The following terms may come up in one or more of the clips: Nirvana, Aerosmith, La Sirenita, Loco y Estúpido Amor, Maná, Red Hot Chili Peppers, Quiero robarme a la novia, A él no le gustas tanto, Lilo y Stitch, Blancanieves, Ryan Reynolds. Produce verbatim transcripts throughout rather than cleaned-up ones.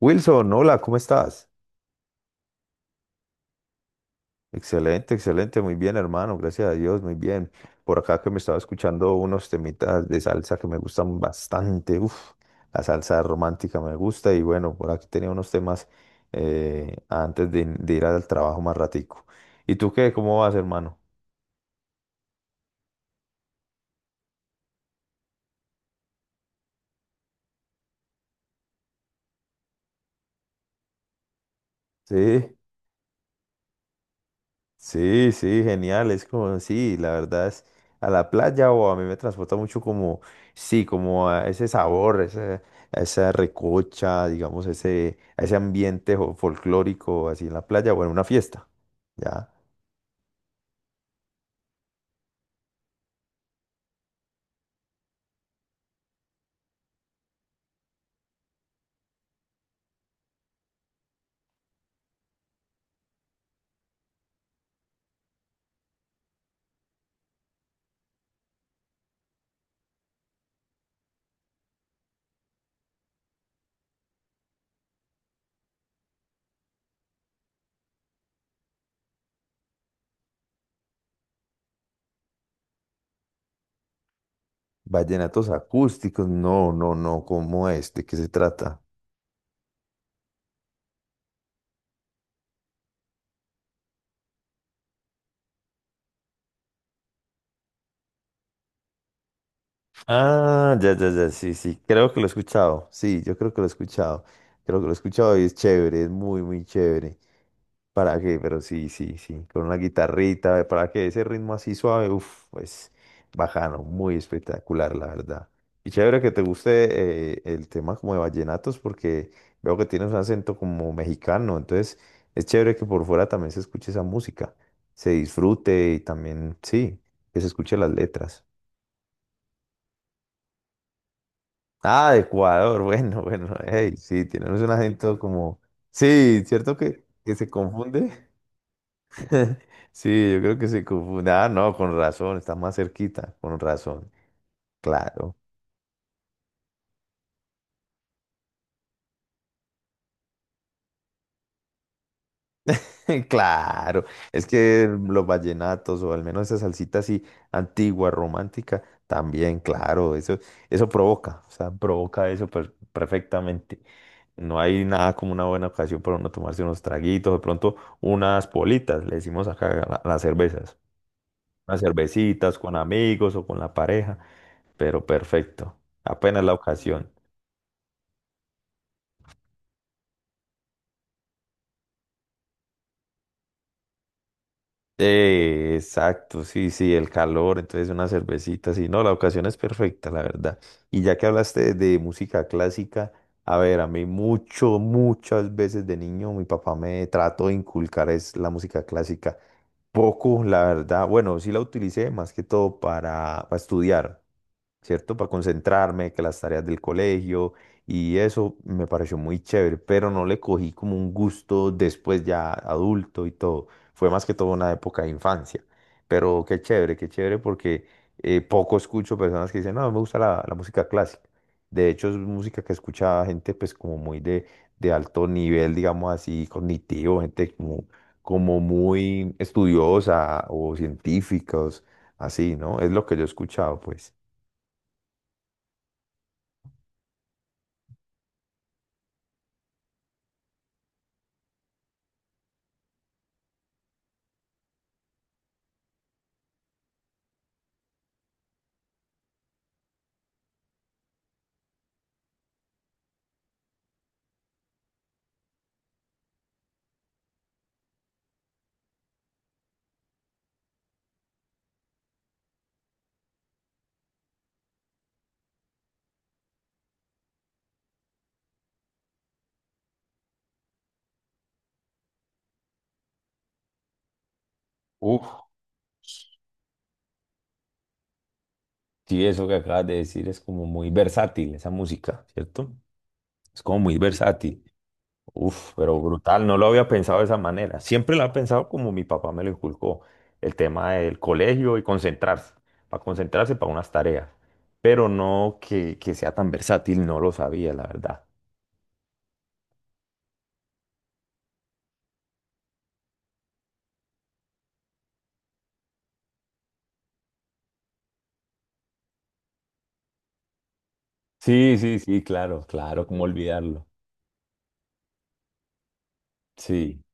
Wilson, hola, ¿cómo estás? Excelente, excelente, muy bien, hermano, gracias a Dios, muy bien. Por acá que me estaba escuchando unos temitas de salsa que me gustan bastante, uf, la salsa romántica me gusta y bueno, por aquí tenía unos temas eh, antes de, de ir al trabajo más ratico. ¿Y tú qué? ¿Cómo vas, hermano? Sí. Sí, sí, genial, es como, sí, la verdad es, a la playa o a mí me transporta mucho como, sí, como a ese sabor, ese- a esa recocha, digamos, ese, a ese ambiente jo- folclórico así en la playa o en una fiesta, ¿ya? Vallenatos acústicos, no, no, no, ¿cómo es? ¿De qué se trata? Ah, ya, ya, ya, sí, sí, creo que lo he escuchado, sí, yo creo que lo he escuchado, creo que lo he escuchado y es chévere, es muy, muy chévere. ¿Para qué? Pero sí, sí, sí, con una guitarrita, ¿para que ese ritmo así suave, uff, pues bajano, muy espectacular, la verdad. Y chévere que te guste eh, el tema como de vallenatos, porque veo que tienes un acento como mexicano, entonces es chévere que por fuera también se escuche esa música, se disfrute y también, sí, que se escuche las letras. Ah, de Ecuador, bueno, bueno, hey, sí, tenemos un acento como, sí, ¿cierto que, que se confunde? Sí, yo creo que se confunde. Ah, no, con razón, está más cerquita, con razón. Claro, claro. Es que los vallenatos, o al menos esa salsita así antigua, romántica, también, claro, eso, eso provoca, o sea, provoca eso per- perfectamente. No hay nada como una buena ocasión para uno tomarse unos traguitos, de pronto unas politas, le decimos acá a la- a las cervezas, unas cervecitas con amigos o con la pareja, pero perfecto, apenas la ocasión. Eh, exacto, sí, sí, el calor, entonces una cervecita, sí, no, la ocasión es perfecta, la verdad. Y ya que hablaste de música clásica, a ver, a mí mucho, muchas veces de niño mi papá me trató de inculcar es la música clásica. Poco, la verdad, bueno, sí la utilicé más que todo para, para estudiar. ¿Cierto? Para concentrarme, que las tareas del colegio y eso me pareció muy chévere, pero no le cogí como un gusto después ya adulto y todo. Fue más que todo una época de infancia, pero qué chévere, qué chévere porque eh, poco escucho personas que dicen, no, me gusta la, la música clásica. De hecho, es música que escucha gente pues como muy de, de alto nivel, digamos así, cognitivo, gente como, como muy estudiosa o científicos, así, ¿no? Es lo que yo he escuchado, pues. Uf, sí, eso que acabas de decir es como muy versátil, esa música, ¿cierto? Es como muy versátil. Uf, pero brutal, no lo había pensado de esa manera. Siempre lo había pensado como mi papá me lo inculcó, el tema del colegio y concentrarse, para concentrarse para unas tareas, pero no que, que sea tan versátil, no lo sabía, la verdad. Sí, sí, sí, claro, claro, cómo olvidarlo. Sí.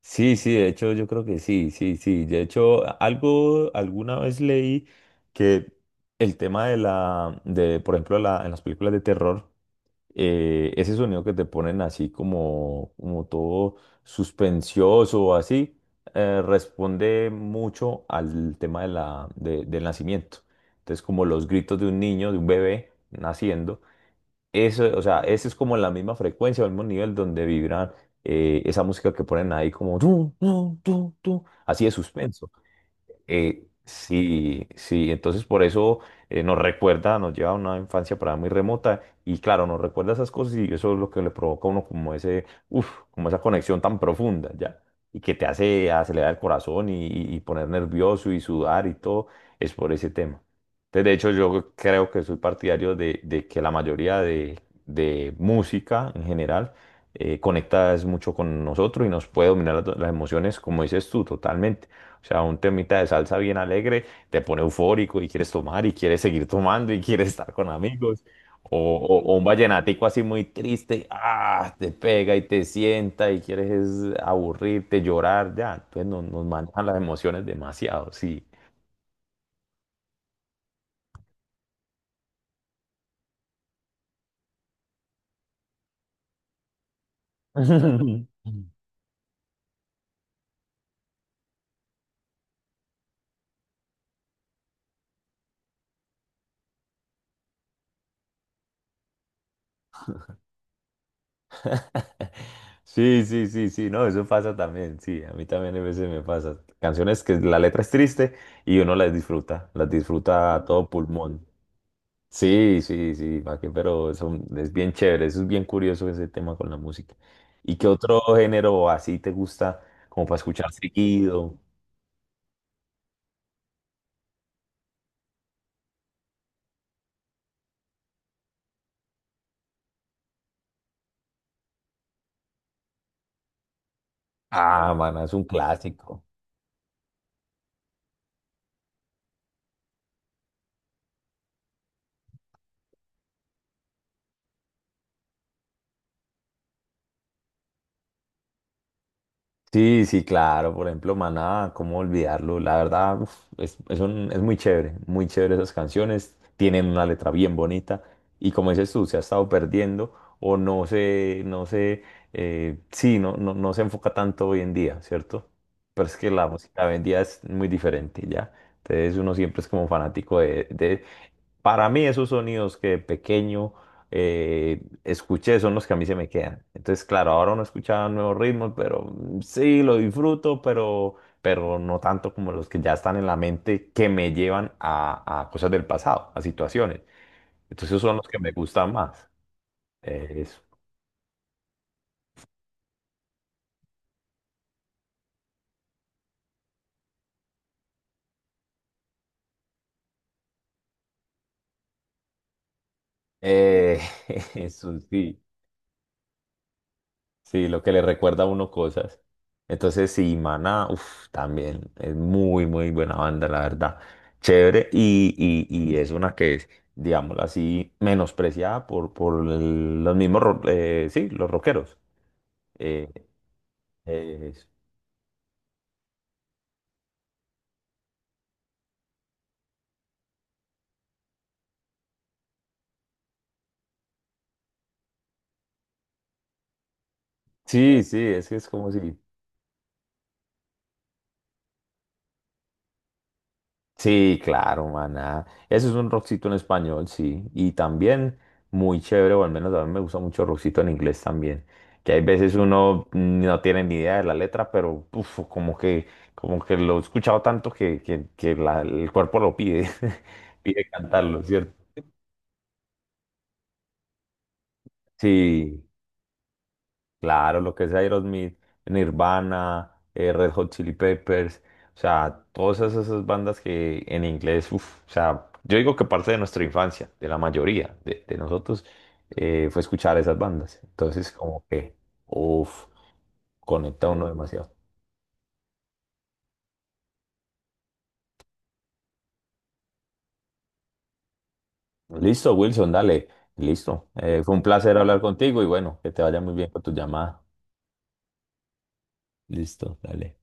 Sí, sí, de hecho yo creo que sí, sí, sí. De hecho, algo, alguna vez leí que el tema de la, de, por ejemplo, la, en las películas de terror, eh, ese sonido que te ponen así como, como todo suspensioso o así, eh, responde mucho al tema de la, de- del nacimiento. Entonces, como los gritos de un niño, de un bebé naciendo, eso, o sea, esa es como la misma frecuencia, el mismo nivel donde vibran eh, esa música que ponen ahí como tú, tú, tú, tú, así de suspenso. Eh, sí, sí, entonces por eso eh, nos recuerda, nos lleva a una infancia para muy remota y claro, nos recuerda esas cosas y eso es lo que le provoca a uno como ese, uff, como esa conexión tan profunda, ¿ya? Y que te hace acelerar el corazón y, y- y poner nervioso y sudar y todo, es por ese tema. Entonces, de hecho, yo creo que soy partidario de, de que la mayoría de, de música en general eh, conecta es mucho con nosotros y nos puede dominar las, las emociones, como dices tú, totalmente. O sea, un temita de salsa bien alegre te pone eufórico y quieres tomar y quieres seguir tomando y quieres estar con amigos. O, o- o un vallenatico así muy triste, ah, te pega y te sienta y quieres es aburrirte, llorar, ya. Entonces nos, nos manejan las emociones demasiado, sí. Sí, sí, sí, sí, no, eso pasa también, sí, a mí también a veces me pasa. Canciones que la letra es triste y uno las disfruta, las disfruta a todo pulmón. Sí, sí, sí, pa' qué, pero son- es bien chévere, eso es bien curioso ese tema con la música. ¿Y qué otro género así te gusta como para escuchar seguido? Ah, man, es un clásico. Sí, sí, claro, por ejemplo, Maná, cómo olvidarlo, la verdad, uf, es, es un- es muy chévere, muy chévere esas canciones, tienen una letra bien bonita y como dices tú, se ha estado perdiendo o no se, no se, eh, sí, no, no, no se enfoca tanto hoy en día, ¿cierto? Pero es que la música hoy en día es muy diferente, ¿ya? Entonces uno siempre es como fanático de, de para mí esos sonidos que de pequeño eh, escuché son los que a mí se me quedan. Entonces, claro, ahora uno escucha nuevos ritmos, pero mm, sí, lo disfruto, pero, pero no tanto como los que ya están en la mente que me llevan a, a cosas del pasado, a situaciones. Entonces, esos son los que me gustan más. Eh, eso. Eh, eso sí. Sí, lo que le recuerda a uno cosas. Entonces, sí, Maná, uf, también es muy, muy buena banda, la verdad. Chévere, y, y, y es una que es, digámoslo así, menospreciada por, por el- los mismos, ro- eh, sí, los rockeros. Eh, eh, sí, sí, es que es como si sí, claro, maná. Ese es un rockcito en español, sí. Y también muy chévere, o al menos a mí me gusta mucho el rockcito en inglés también. Que hay veces uno no tiene ni idea de la letra, pero uf, como que, como que lo he escuchado tanto que, que, que la- el cuerpo lo pide, pide cantarlo, ¿cierto? Sí. Claro, lo que es Aerosmith, Nirvana, eh, Red Hot Chili Peppers, o sea, todas esas, esas bandas que en inglés, uf, o sea, yo digo que parte de nuestra infancia, de la mayoría de, de nosotros, eh, fue escuchar esas bandas. Entonces, como que, uff, conecta uno demasiado. Listo, Wilson, dale, listo. Eh, fue un placer hablar contigo y bueno, que te vaya muy bien con tu llamada. Listo, dale.